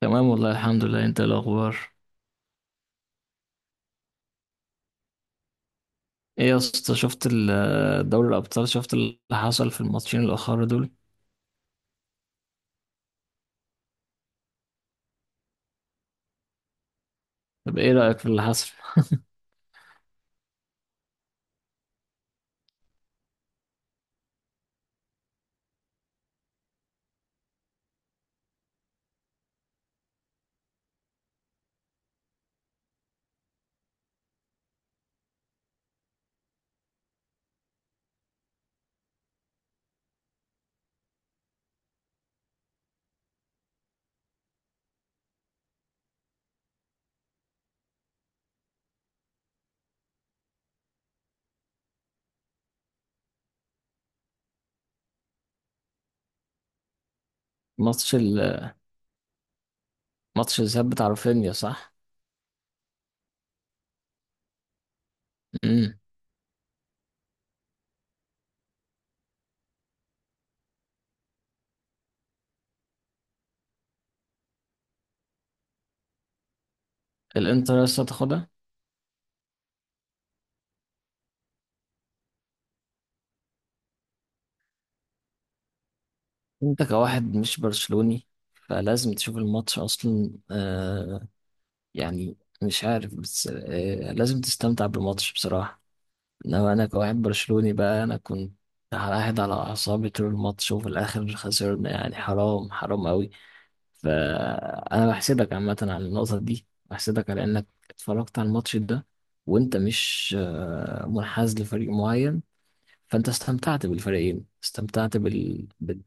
تمام والله الحمد لله، انت ايه الاخبار؟ ايه يا اسطى، شفت دوري الابطال؟ شفت اللي حصل في الماتشين الاخر دول؟ طب ايه رايك في اللي حصل؟ ماتش ال- ماتش الذهاب بتاع رافينيا، صح؟ امم. الانتر لسه تاخدها. انت كواحد مش برشلوني فلازم تشوف الماتش اصلا، آه يعني، مش عارف، بس لازم تستمتع بالماتش بصراحه. انما انا كواحد برشلوني بقى، انا كنت قاعد على اعصابي طول الماتش، وفي الاخر خسرنا يعني، حرام حرام قوي. فانا بحسدك عامه على النقطه دي، بحسدك على انك اتفرجت على الماتش ده وانت مش منحاز لفريق معين. فانت استمتعت بالفريقين، استمتعت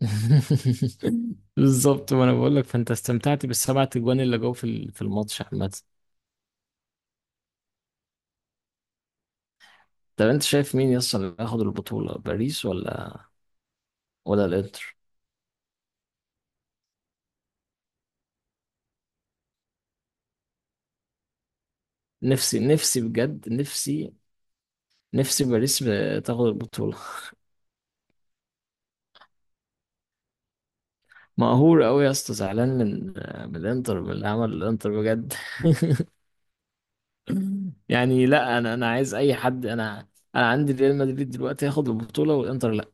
بالظبط، ما انا بقول لك، فانت استمتعت بالسبعة اجوان اللي جو في الماتش عامه. طب انت شايف مين يصل، اللي ياخد البطوله باريس ولا الانتر؟ نفسي نفسي بجد، نفسي نفسي باريس تاخد البطوله. مقهور قوي يا اسطى، زعلان من الانتر، من اللي عمل الانتر بجد. يعني لا، انا عايز اي حد، انا عندي ريال مدريد دلوقتي ياخد البطولة والانتر لا.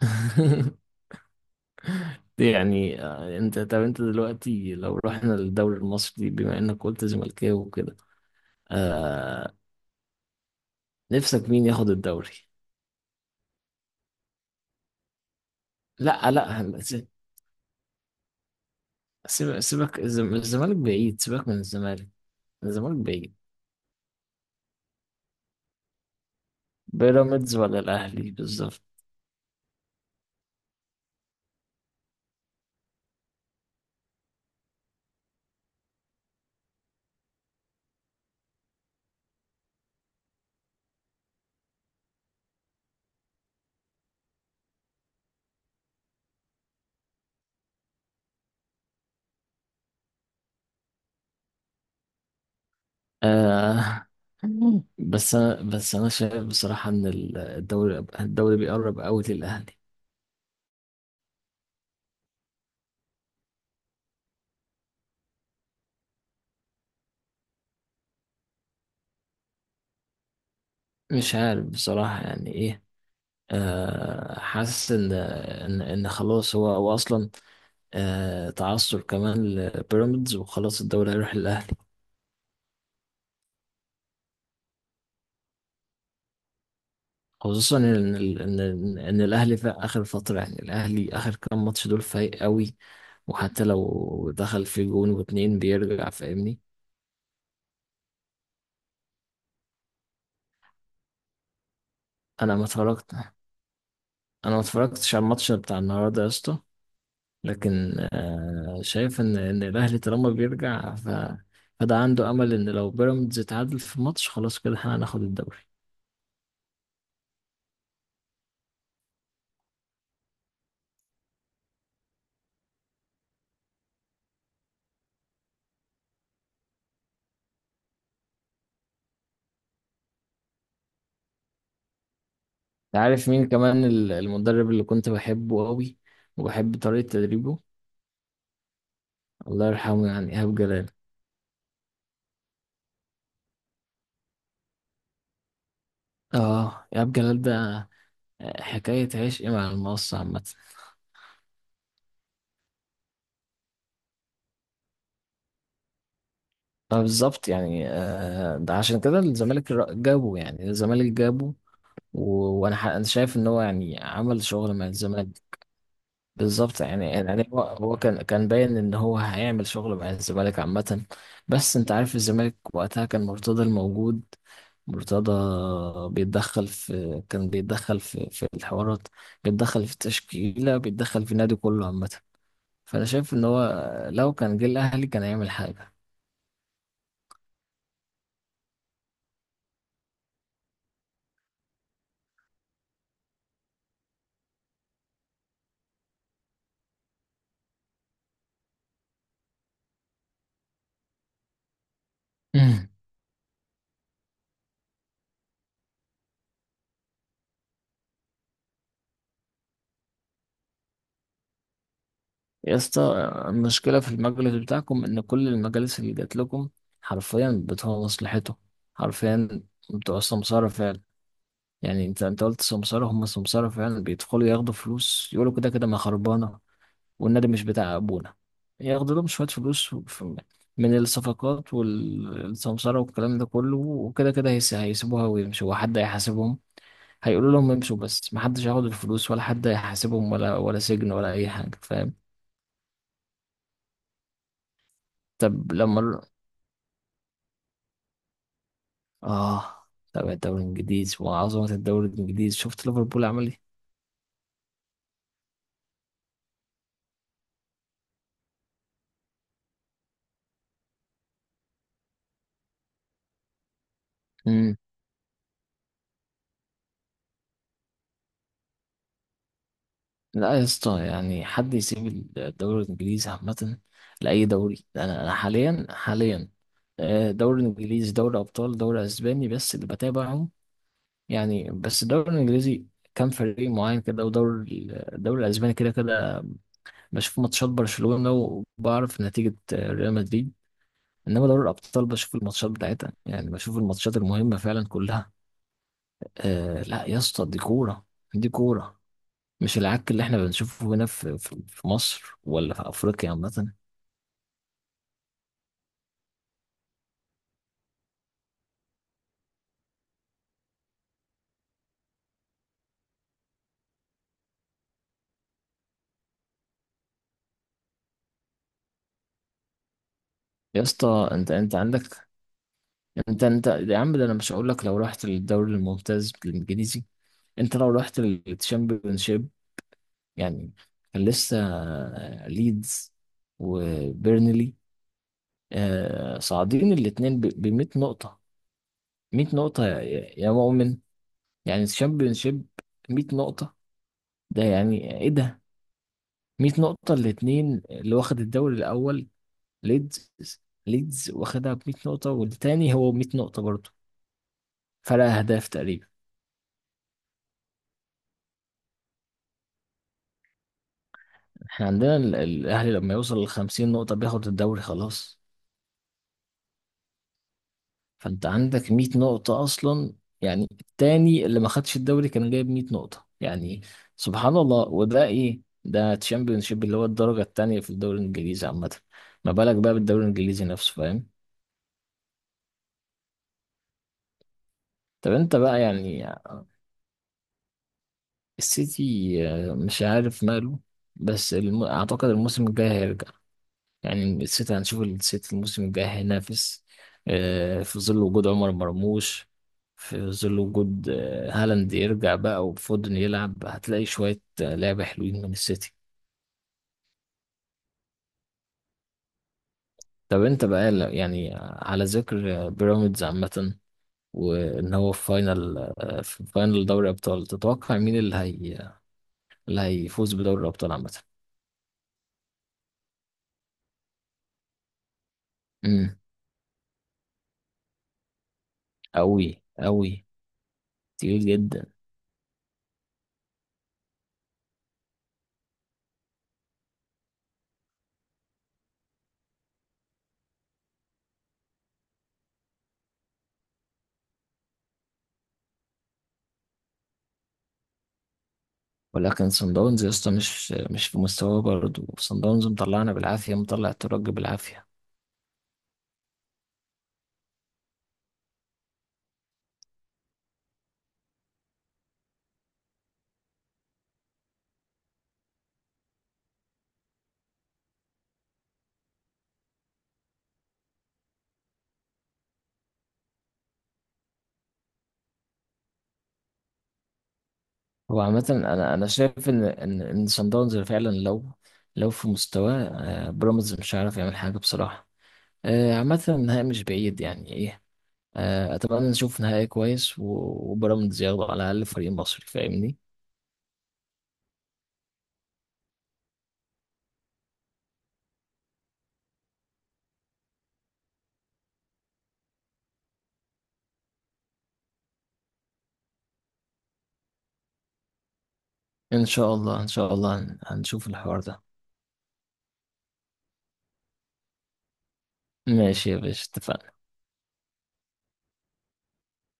دي يعني طب انت دلوقتي لو رحنا للدوري المصري، بما انك قلت زملكاوي وكده. آه، نفسك مين ياخد الدوري؟ لا، لا، سيبك، الزمالك بعيد، سيبك من الزمالك، الزمالك بعيد. بيراميدز ولا الاهلي، بالظبط. آه، بس انا شايف بصراحه ان الدوري بيقرب قوي للاهلي. مش عارف بصراحه يعني ايه. آه حاسس ان خلاص، هو اصلا تعثر كمان لبيراميدز، وخلاص الدوري هيروح للاهلي. خصوصا ان ال- ان ان إن الاهلي في اخر فتره، يعني الاهلي اخر كام ماتش دول فايق قوي. وحتى لو دخل في جون واتنين بيرجع، فاهمني. انا ما اتفرجت انا ما اتفرجتش على الماتش بتاع النهارده يا اسطى، لكن شايف ان الاهلي طالما بيرجع فده عنده امل ان لو بيراميدز اتعادل في ماتش، خلاص كده احنا هناخد الدوري. انت عارف مين كمان المدرب اللي كنت بحبه قوي، وبحب طريقة تدريبه؟ الله يرحمه، يعني ايهاب جلال. اه ايهاب جلال ده حكاية عشق مع المقصة عامة. آه، بالظبط يعني، ده عشان كده الزمالك جابه، يعني الزمالك جابه. وانا انا شايف ان هو يعني عمل شغل مع الزمالك. بالظبط يعني، يعني هو كان باين ان هو هيعمل شغل مع الزمالك عامة. بس انت عارف الزمالك وقتها كان مرتضى الموجود. مرتضى بيتدخل في الحوارات، بيتدخل في التشكيلة، بيتدخل في النادي كله عامة. فانا شايف ان هو لو كان جه الاهلي كان هيعمل حاجة. مم. يا اسطى، المشكلة في المجلس بتاعكم ان كل المجالس اللي جات لكم حرفيا بتوع مصلحته، حرفيا بتوع سمسارة فعلا. يعني انت قلت سمسارة، هم سمسارة فعلا، بيدخلوا ياخدوا فلوس يقولوا كده كده ما خربانة، والنادي مش بتاع ابونا. ياخدوا لهم شوية فلوس من الصفقات والسمسارة والكلام ده كله، وكده كده هيسيبوها ويمشوا، وحد هيحاسبهم؟ هيقولوا لهم امشوا، بس محدش هياخد الفلوس ولا حد هيحاسبهم، ولا سجن ولا اي حاجة، فاهم. طب لما ال- اه تابع الدوري الانجليزي وعظمة الدوري الانجليزي، شفت ليفربول عمل ايه؟ لا يا اسطى، يعني حد يسيب الدوري الانجليزي عامة لأي دوري؟ انا حاليا، حاليا دوري انجليزي، دوري ابطال، دوري اسباني، بس اللي بتابعهم. يعني بس الدوري الانجليزي كان فريق معين كده، ودوري الدوري الاسباني كده كده بشوف ماتشات برشلونة، وبعرف نتيجة ريال مدريد. انما دوري الابطال بشوف الماتشات بتاعتها، يعني بشوف الماتشات المهمة فعلا كلها. آه، لا يا اسطى، دي كورة، دي كورة. مش العك اللي احنا بنشوفه هنا في مصر، ولا في افريقيا عامة. يا اسطى، انت عندك، انت يا عم، ده انا مش هقول لك لو رحت للدوري الممتاز الانجليزي، انت لو رحت للتشامبيونشيب يعني، كان لسه ليدز وبيرنلي صاعدين الاثنين ب 100 نقطة، 100 نقطة يا مؤمن، يعني التشامبيونشيب 100 نقطة، ده يعني ايه ده! 100 نقطة الاثنين، اللي واخد الدوري الاول ليدز، ليدز واخدها ب 100 نقطة، والتاني هو 100 نقطة برضه، فرق أهداف تقريبا. احنا عندنا الأهلي لما يوصل لـ50 نقطة بياخد الدوري خلاص. فأنت عندك 100 نقطة أصلا، يعني التاني اللي ما خدش الدوري كان جايب 100 نقطة يعني. سبحان الله! وده إيه ده، تشامبيونشيب اللي هو الدرجة التانية في الدوري الإنجليزي عامة. ما بالك بقى بالدوري الإنجليزي نفسه، فاهم. طب أنت بقى يعني، السيتي مش عارف ماله. بس أعتقد الموسم الجاي هيرجع، يعني السيتي، هنشوف السيتي الموسم الجاي هينافس. آه، في ظل وجود عمر مرموش، في ظل وجود هالاند يرجع بقى، وفودن يلعب، هتلاقي شوية لعبة حلوين من السيتي. طب انت بقى يعني على ذكر بيراميدز عامة، وان هو في فاينل، دوري ابطال، تتوقع مين اللي هيفوز بدوري الابطال عامة؟ امم. قوي قوي، تقيل جدا. ولكن صن داونز يا اسطى مش في مستواه برضه، صن داونز مطلعنا بالعافيه، مطلع الترجي بالعافيه. هو عامه انا شايف ان صن داونز فعلا لو في مستواه بيراميدز مش هيعرف يعمل حاجه بصراحه. عامه النهائي مش بعيد، يعني ايه. اتمنى نشوف نهائي كويس وبيراميدز ياخده، على الاقل فريق مصري، فاهمني. ان شاء الله ان شاء الله هنشوف الحوار ده. ماشي يا باشا، اتفقنا.